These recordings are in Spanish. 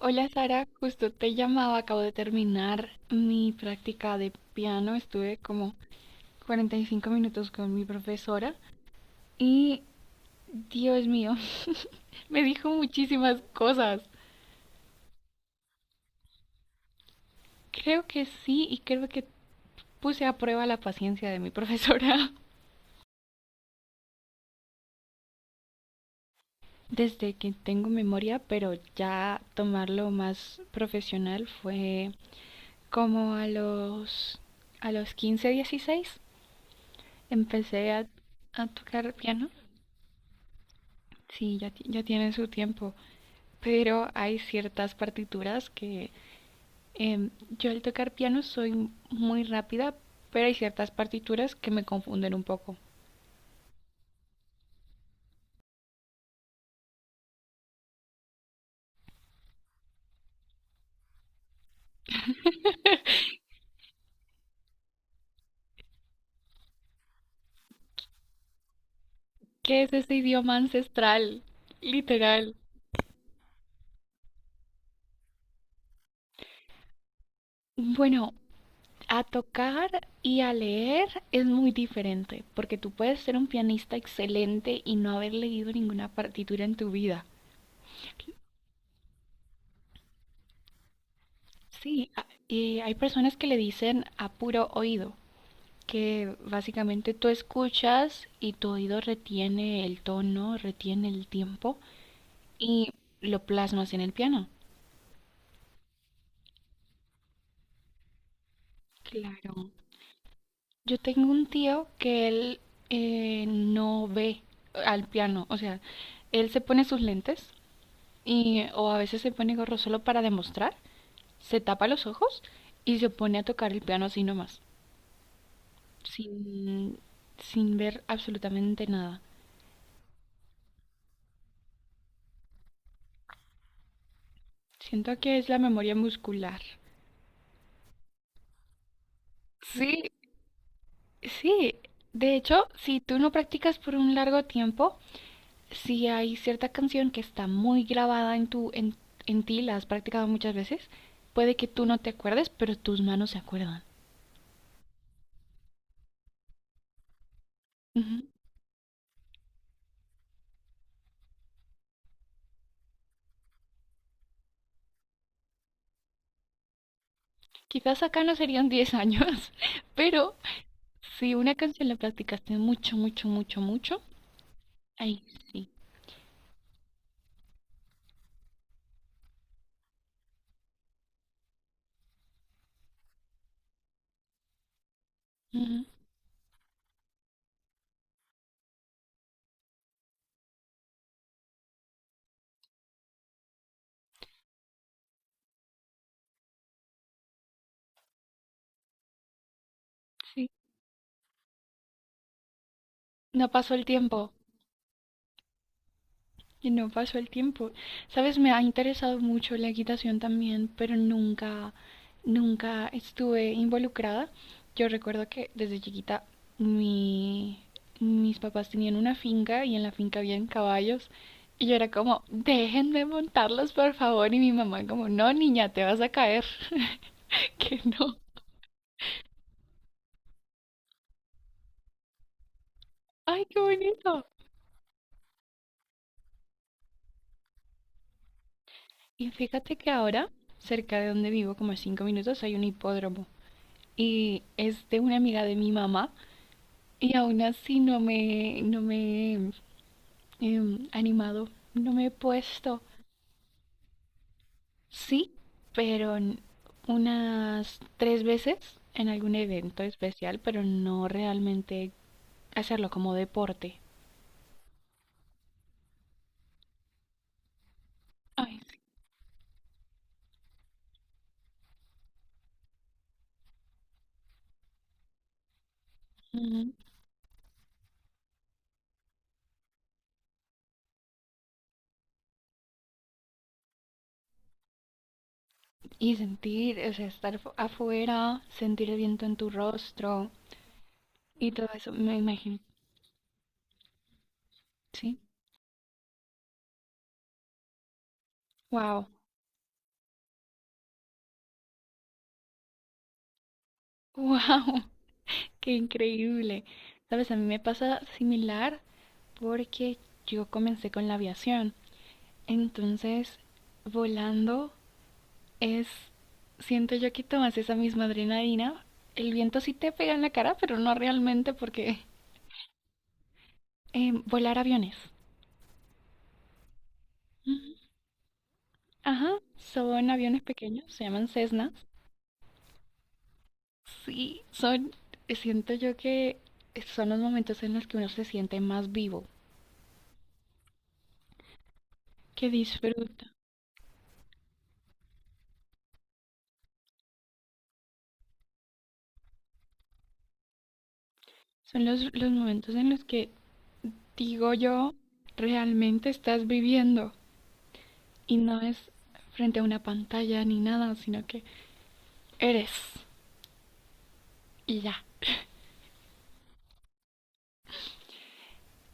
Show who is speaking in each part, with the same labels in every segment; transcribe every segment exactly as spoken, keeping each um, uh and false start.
Speaker 1: Hola Sara, justo te llamaba, acabo de terminar mi práctica de piano, estuve como cuarenta y cinco minutos con mi profesora y Dios mío, me dijo muchísimas cosas. Creo que sí y creo que puse a prueba la paciencia de mi profesora. Desde que tengo memoria, pero ya tomarlo más profesional fue como a los a los quince, dieciséis empecé a, a tocar piano. Sí, ya, ti- ya tienen su tiempo, pero hay ciertas partituras que em, yo al tocar piano soy muy rápida, pero hay ciertas partituras que me confunden un poco. ¿Qué es ese idioma ancestral? Literal. Bueno, a tocar y a leer es muy diferente, porque tú puedes ser un pianista excelente y no haber leído ninguna partitura en tu vida. Sí, a- y hay personas que le dicen a puro oído, que básicamente tú escuchas y tu oído retiene el tono, retiene el tiempo y lo plasmas en el piano. Claro. Yo tengo un tío que él eh, no ve al piano, o sea, él se pone sus lentes y o a veces se pone gorro solo para demostrar, se tapa los ojos y se pone a tocar el piano así nomás, sin, sin ver absolutamente nada. Siento que es la memoria muscular. Sí. Sí, de hecho, si tú no practicas por un largo tiempo, si hay cierta canción que está muy grabada en tu, en, en ti, la has practicado muchas veces, puede que tú no te acuerdes, pero tus manos se acuerdan. Ujú. Quizás acá no serían diez años, pero si una canción la practicaste mucho, mucho, mucho, mucho, ahí sí. Ujú. Sí, no pasó el tiempo. Y no pasó el tiempo. Sabes, me ha interesado mucho la equitación también, pero nunca, nunca estuve involucrada. Yo recuerdo que desde chiquita mi, mis papás tenían una finca y en la finca habían caballos. Y yo era como, déjenme montarlos, por favor. Y mi mamá como, no, niña, te vas a caer. Que no. Ay, qué bonito. Y fíjate que ahora, cerca de donde vivo, como a cinco minutos, hay un hipódromo. Y es de una amiga de mi mamá. Y aún así no me, no me he em, animado, no me he puesto. Sí, pero n- unas tres veces en algún evento especial, pero no realmente hacerlo como deporte. Ay, sí. Ujú. Y sentir, o sea, estar fu- afuera, sentir el viento en tu rostro y todo eso, me imagino, ¿sí? Wow, wow, qué increíble. Sabes, a mí me pasa similar porque yo comencé con la aviación. Entonces, volando es, siento yo que tomas esa misma adrenalina. El viento sí te pega en la cara, pero no realmente porque eh, volar aviones. Ujú. Ajá, son aviones pequeños, se llaman Cessnas. Sí, son, siento yo que son los momentos en los que uno se siente más vivo, que disfruta. Son los, los momentos en los que digo yo, realmente estás viviendo y no es frente a una pantalla ni nada, sino que eres y ya.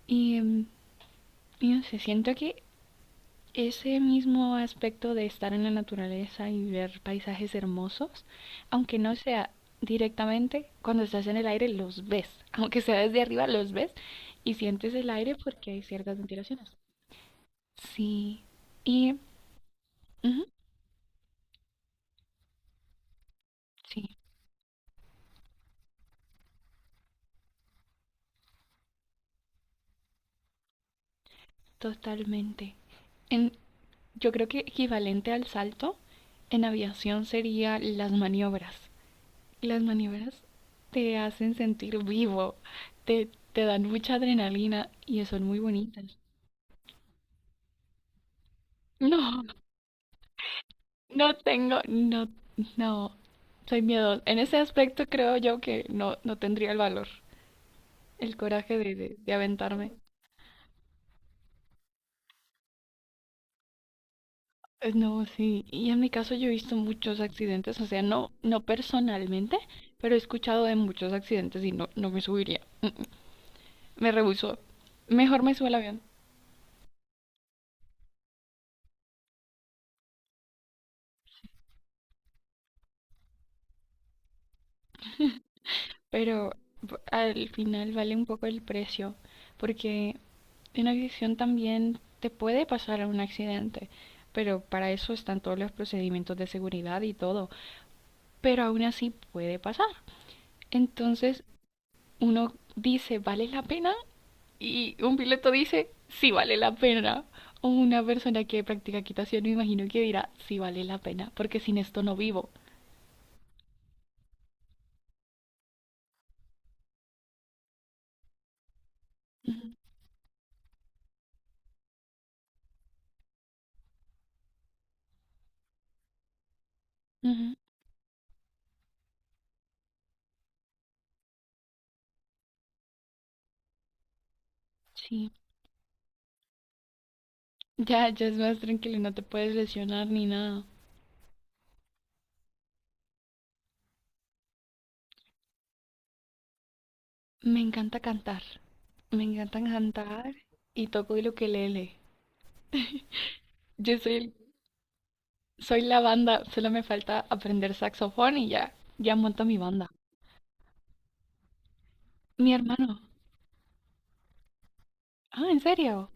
Speaker 1: Y, mm, y no sé, siento que ese mismo aspecto de estar en la naturaleza y ver paisajes hermosos, aunque no sea directamente, cuando estás en el aire los ves, aunque sea desde arriba los ves y sientes el aire porque hay ciertas ventilaciones. Sí, y ujú, sí, totalmente. En, yo creo que equivalente al salto en aviación sería las maniobras. Las maniobras te hacen sentir vivo, te, te dan mucha adrenalina y son muy bonitas. No, no tengo, no, no, soy miedosa. En ese aspecto creo yo que no, no tendría el valor, el coraje de, de, de aventarme. Eh, No, sí, y en mi caso yo he visto muchos accidentes, o sea, no, no personalmente, pero he escuchado de muchos accidentes y no, no me subiría. Mm, mm, me rehusó. Mejor me subo al avión. Pero v- al final vale un poco el precio, porque una agresión también te puede pasar a un accidente, pero para eso están todos los procedimientos de seguridad y todo, pero aún así puede pasar. Entonces uno dice, ¿vale la pena? Y un piloto dice, sí vale la pena. O una persona que practica equitación me imagino que dirá, sí vale la pena, porque sin esto no vivo. Ujú, ujú, sí, ya, ya es más tranquilo, no te puedes lesionar ni nada. Me encanta cantar. Me encanta cantar y toco el ukelele. Yo soy, soy la banda, solo me falta aprender saxofón y ya, ya monto mi banda. Mi hermano. Ah, ¿en serio?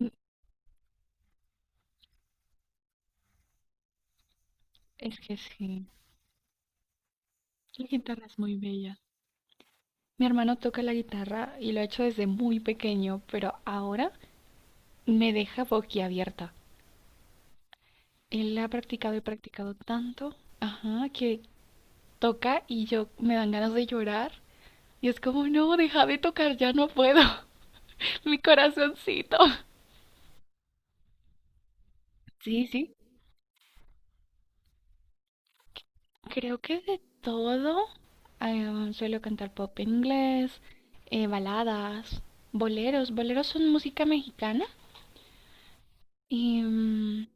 Speaker 1: Mm, es que sí, la guitarra es muy bella. Mi hermano toca la guitarra y lo ha hecho desde muy pequeño, pero ahora me deja boquiabierta. Él ha practicado y practicado tanto, ajá, que toca y yo me dan ganas de llorar. Y es como, no, deja de tocar, ya no puedo. Mi corazoncito. Sí, sí. Creo que de todo. Em, suelo cantar pop en inglés, eh, baladas, boleros. Boleros son música mexicana. Y, mm,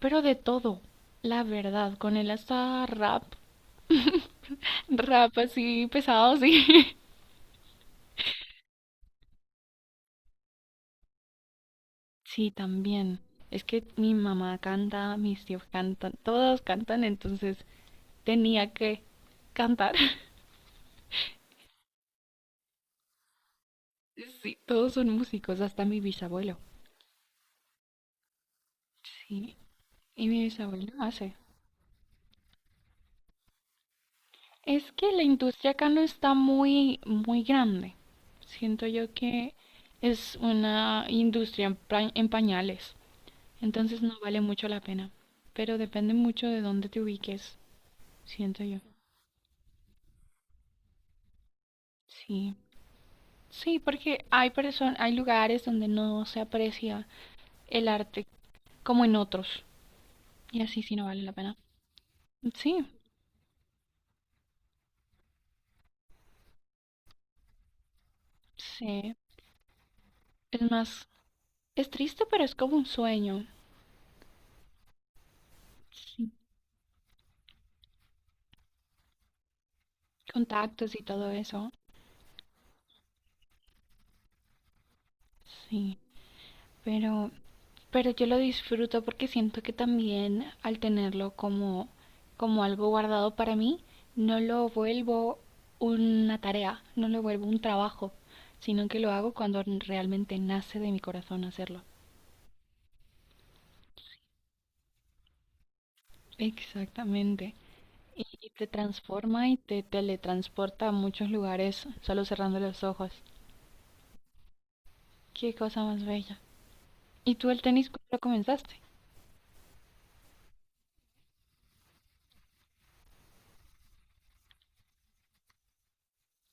Speaker 1: pero de todo, la verdad. Con él hasta rap. Rap así pesado, sí. Sí, también. Es que mi mamá canta, mis tíos cantan, todos cantan, entonces tenía que cantar. Sí, todos son músicos, hasta mi bisabuelo. Sí. Y mi bisabuelo hace. Es que la industria acá no está muy, muy grande. Siento yo que es una industria en, pa- en pañales, entonces no vale mucho la pena. Pero depende mucho de dónde te ubiques, siento yo. Sí, sí, porque hay personas, hay lugares donde no se aprecia el arte como en otros, y así sí no vale la pena. Sí, sí, es más, es triste, pero es como un sueño. Sí, contactos y todo eso. Sí, pero, pero yo lo disfruto porque siento que también al tenerlo como, como algo guardado para mí, no lo vuelvo una tarea, no lo vuelvo un trabajo, sino que lo hago cuando realmente nace de mi corazón hacerlo. Exactamente. Y, y te transforma y te teletransporta a muchos lugares solo cerrando los ojos. Qué cosa más bella. ¿Y tú el tenis cuándo lo comenzaste?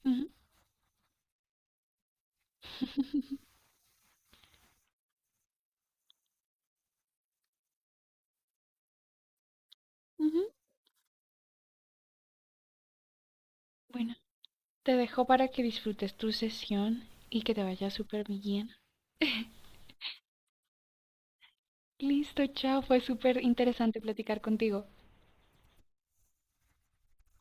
Speaker 1: Ujú, ujú. Bueno. Te dejo para que disfrutes tu sesión y que te vaya súper bien. Listo, chao. Fue súper interesante platicar contigo.